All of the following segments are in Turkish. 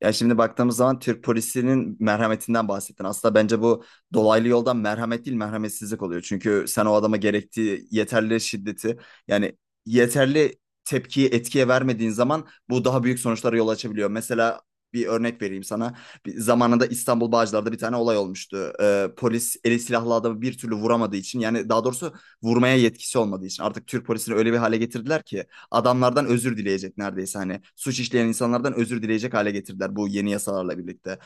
Ya şimdi baktığımız zaman Türk polisinin merhametinden bahsettin. Aslında bence bu dolaylı yoldan merhamet değil merhametsizlik oluyor. Çünkü sen o adama gerektiği yeterli şiddeti yani yeterli tepkiyi etkiye vermediğin zaman bu daha büyük sonuçlara yol açabiliyor. Mesela bir örnek vereyim sana. Bir, zamanında İstanbul Bağcılar'da bir tane olay olmuştu. Polis eli silahlı adamı bir türlü vuramadığı için yani daha doğrusu vurmaya yetkisi olmadığı için artık Türk polisini öyle bir hale getirdiler ki adamlardan özür dileyecek neredeyse hani suç işleyen insanlardan özür dileyecek hale getirdiler bu yeni yasalarla birlikte.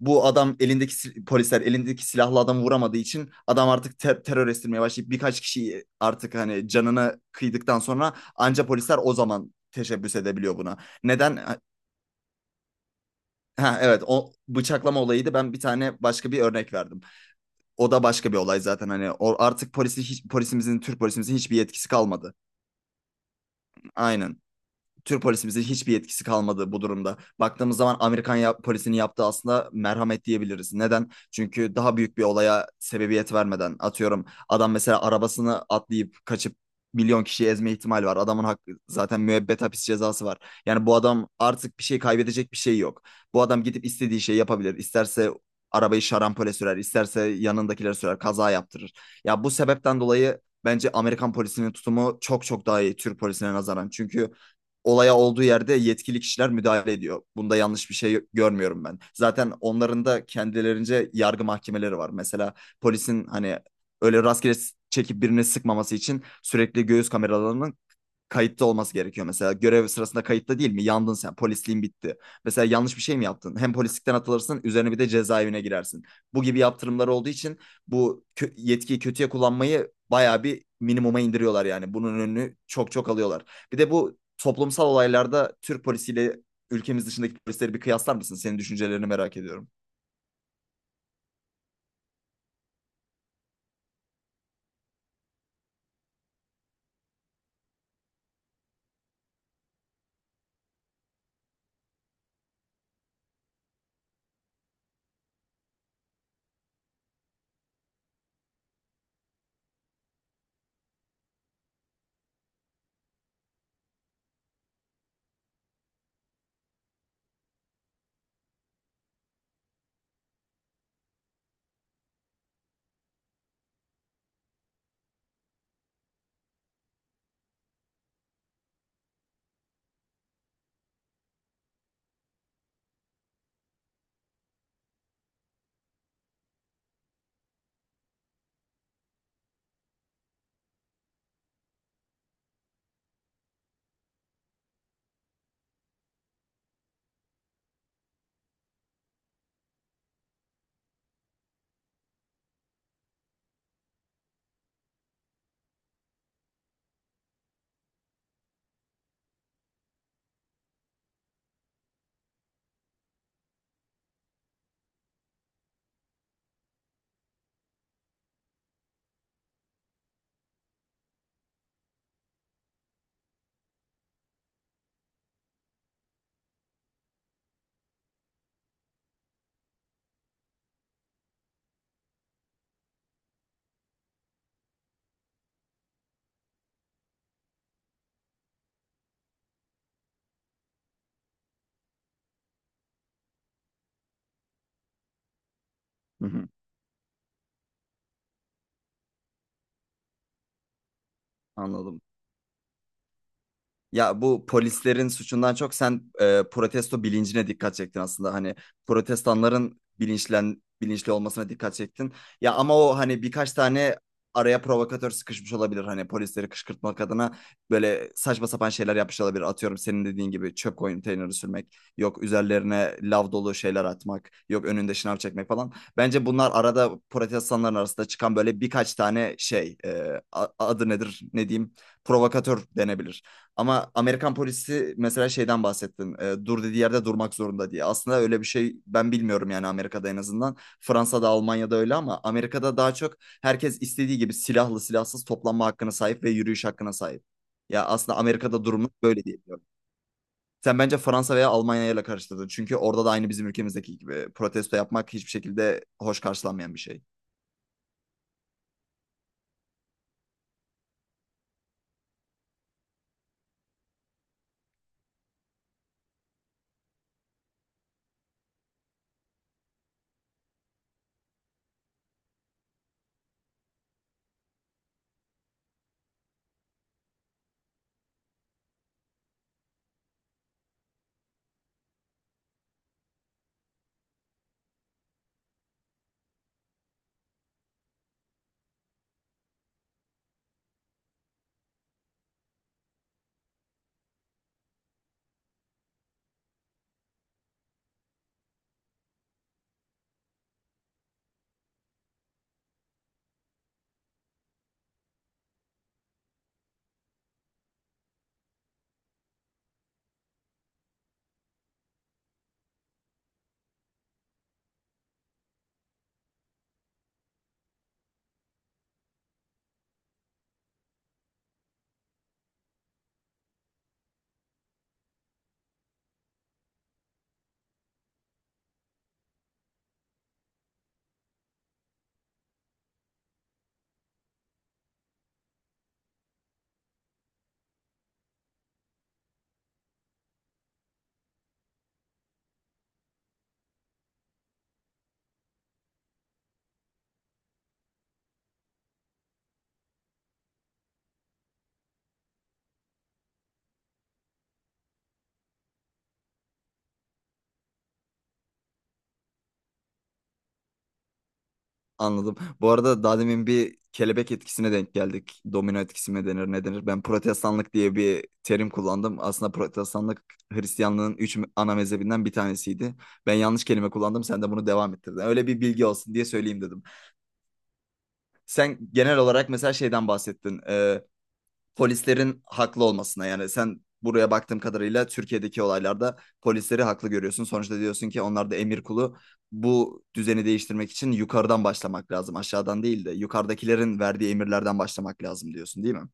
Bu adam elindeki polisler elindeki silahlı adamı vuramadığı için adam artık terör estirmeye başlayıp birkaç kişiyi artık hani canını kıydıktan sonra anca polisler o zaman teşebbüs edebiliyor buna. Neden? Ha, evet o bıçaklama olayıydı. Ben bir tane başka bir örnek verdim. O da başka bir olay zaten hani o artık polisi hiç, polisimizin Türk polisimizin hiçbir yetkisi kalmadı. Aynen. Türk polisimizin hiçbir yetkisi kalmadı bu durumda. Baktığımız zaman Amerikan polisinin yaptığı aslında merhamet diyebiliriz. Neden? Çünkü daha büyük bir olaya sebebiyet vermeden atıyorum adam mesela arabasını atlayıp kaçıp milyon kişiyi ezme ihtimali var. Adamın hakkı zaten müebbet hapis cezası var. Yani bu adam artık bir şey kaybedecek bir şey yok. Bu adam gidip istediği şeyi yapabilir. İsterse arabayı şarampole sürer, isterse yanındakileri sürer, kaza yaptırır. Ya bu sebepten dolayı bence Amerikan polisinin tutumu çok çok daha iyi Türk polisine nazaran. Çünkü olaya olduğu yerde yetkili kişiler müdahale ediyor. Bunda yanlış bir şey görmüyorum ben. Zaten onların da kendilerince yargı mahkemeleri var. Mesela polisin hani öyle rastgele çekip birine sıkmaması için sürekli göğüs kameralarının kayıtta olması gerekiyor. Mesela görev sırasında kayıtta değil mi? Yandın sen. Polisliğin bitti. Mesela yanlış bir şey mi yaptın? Hem polislikten atılırsın, üzerine bir de cezaevine girersin. Bu gibi yaptırımlar olduğu için bu yetkiyi kötüye kullanmayı bayağı bir minimuma indiriyorlar yani. Bunun önünü çok çok alıyorlar. Bir de bu toplumsal olaylarda Türk polisiyle ülkemiz dışındaki polisleri bir kıyaslar mısın? Senin düşüncelerini merak ediyorum. Hı hı, anladım. Ya bu polislerin suçundan çok sen protesto bilincine dikkat çektin aslında. Hani protestanların bilinçli olmasına dikkat çektin. Ya ama o hani birkaç tane araya provokatör sıkışmış olabilir. Hani polisleri kışkırtmak adına böyle saçma sapan şeyler yapmış olabilir. Atıyorum senin dediğin gibi çöp konteyneri sürmek, yok üzerlerine lav dolu şeyler atmak, yok önünde şınav çekmek falan. Bence bunlar arada protestanların arasında çıkan böyle birkaç tane şey, adı nedir, ne diyeyim, provokatör denebilir. Ama Amerikan polisi mesela şeyden bahsettin. Dur dediği yerde durmak zorunda diye. Aslında öyle bir şey ben bilmiyorum yani Amerika'da en azından. Fransa'da, Almanya'da öyle ama Amerika'da daha çok herkes istediği gibi silahlı silahsız toplanma hakkına sahip ve yürüyüş hakkına sahip. Ya aslında Amerika'da durum böyle diyebiliyorum. Sen bence Fransa veya Almanya'yla karıştırdın. Çünkü orada da aynı bizim ülkemizdeki gibi protesto yapmak hiçbir şekilde hoş karşılanmayan bir şey. Anladım. Bu arada daha demin bir kelebek etkisine denk geldik. Domino etkisi mi denir ne denir? Ben protestanlık diye bir terim kullandım. Aslında protestanlık Hristiyanlığın üç ana mezhebinden bir tanesiydi. Ben yanlış kelime kullandım. Sen de bunu devam ettirdin. Öyle bir bilgi olsun diye söyleyeyim dedim. Sen genel olarak mesela şeyden bahsettin polislerin haklı olmasına yani sen buraya baktığım kadarıyla Türkiye'deki olaylarda polisleri haklı görüyorsun. Sonuçta diyorsun ki onlar da emir kulu. Bu düzeni değiştirmek için yukarıdan başlamak lazım. Aşağıdan değil de yukarıdakilerin verdiği emirlerden başlamak lazım diyorsun, değil mi?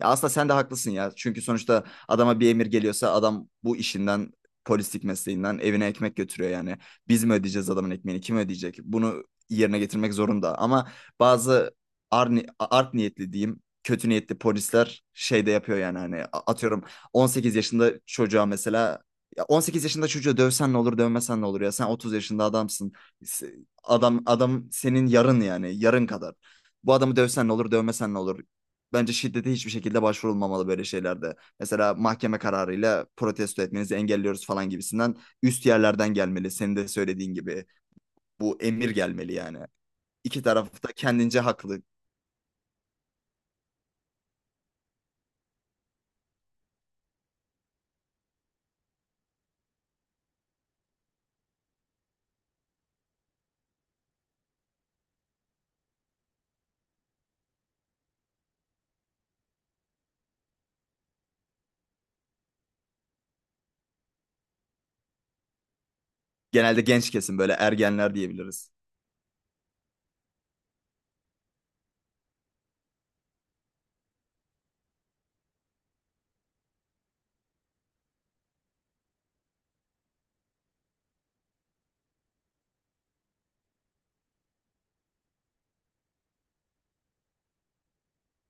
Ya aslında sen de haklısın ya. Çünkü sonuçta adama bir emir geliyorsa adam bu işinden, polislik mesleğinden evine ekmek götürüyor yani. Biz mi ödeyeceğiz adamın ekmeğini? Kim ödeyecek? Bunu yerine getirmek zorunda. Ama bazı art niyetli diyeyim, kötü niyetli polisler şey de yapıyor yani hani atıyorum 18 yaşında çocuğa mesela ya 18 yaşında çocuğu dövsen ne olur, dövmesen ne olur ya. Sen 30 yaşında adamsın. Adam adam senin yarın yani, yarın kadar. Bu adamı dövsen ne olur, dövmesen ne olur? Bence şiddete hiçbir şekilde başvurulmamalı böyle şeylerde. Mesela mahkeme kararıyla protesto etmenizi engelliyoruz falan gibisinden üst yerlerden gelmeli. Senin de söylediğin gibi bu emir gelmeli yani. İki taraf da kendince haklı. Genelde genç kesim böyle ergenler diyebiliriz.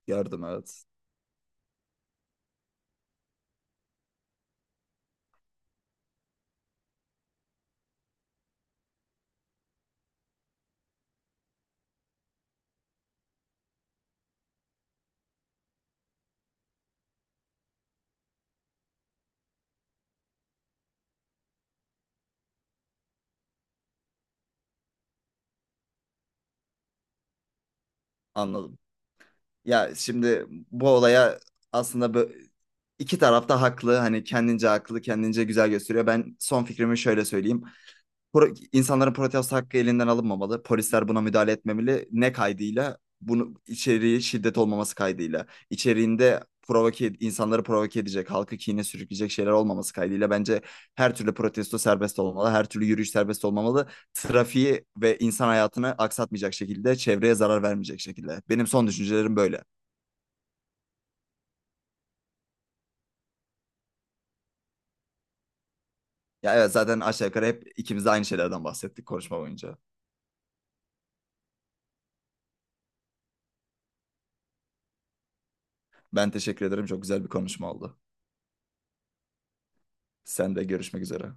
Gördüm evet. Anladım. Ya şimdi bu olaya aslında iki taraf da haklı. Hani kendince haklı, kendince güzel gösteriyor. Ben son fikrimi şöyle söyleyeyim. İnsanların protesto hakkı elinden alınmamalı. Polisler buna müdahale etmemeli. Ne kaydıyla? Bunu içeriği şiddet olmaması kaydıyla. İçeriğinde provoke, insanları provoke edecek, halkı kine sürükleyecek şeyler olmaması kaydıyla bence her türlü protesto serbest olmalı, her türlü yürüyüş serbest olmamalı. Trafiği ve insan hayatını aksatmayacak şekilde, çevreye zarar vermeyecek şekilde. Benim son düşüncelerim böyle. Ya evet zaten aşağı yukarı hep ikimiz de aynı şeylerden bahsettik konuşma boyunca. Ben teşekkür ederim. Çok güzel bir konuşma oldu. Sen de görüşmek üzere.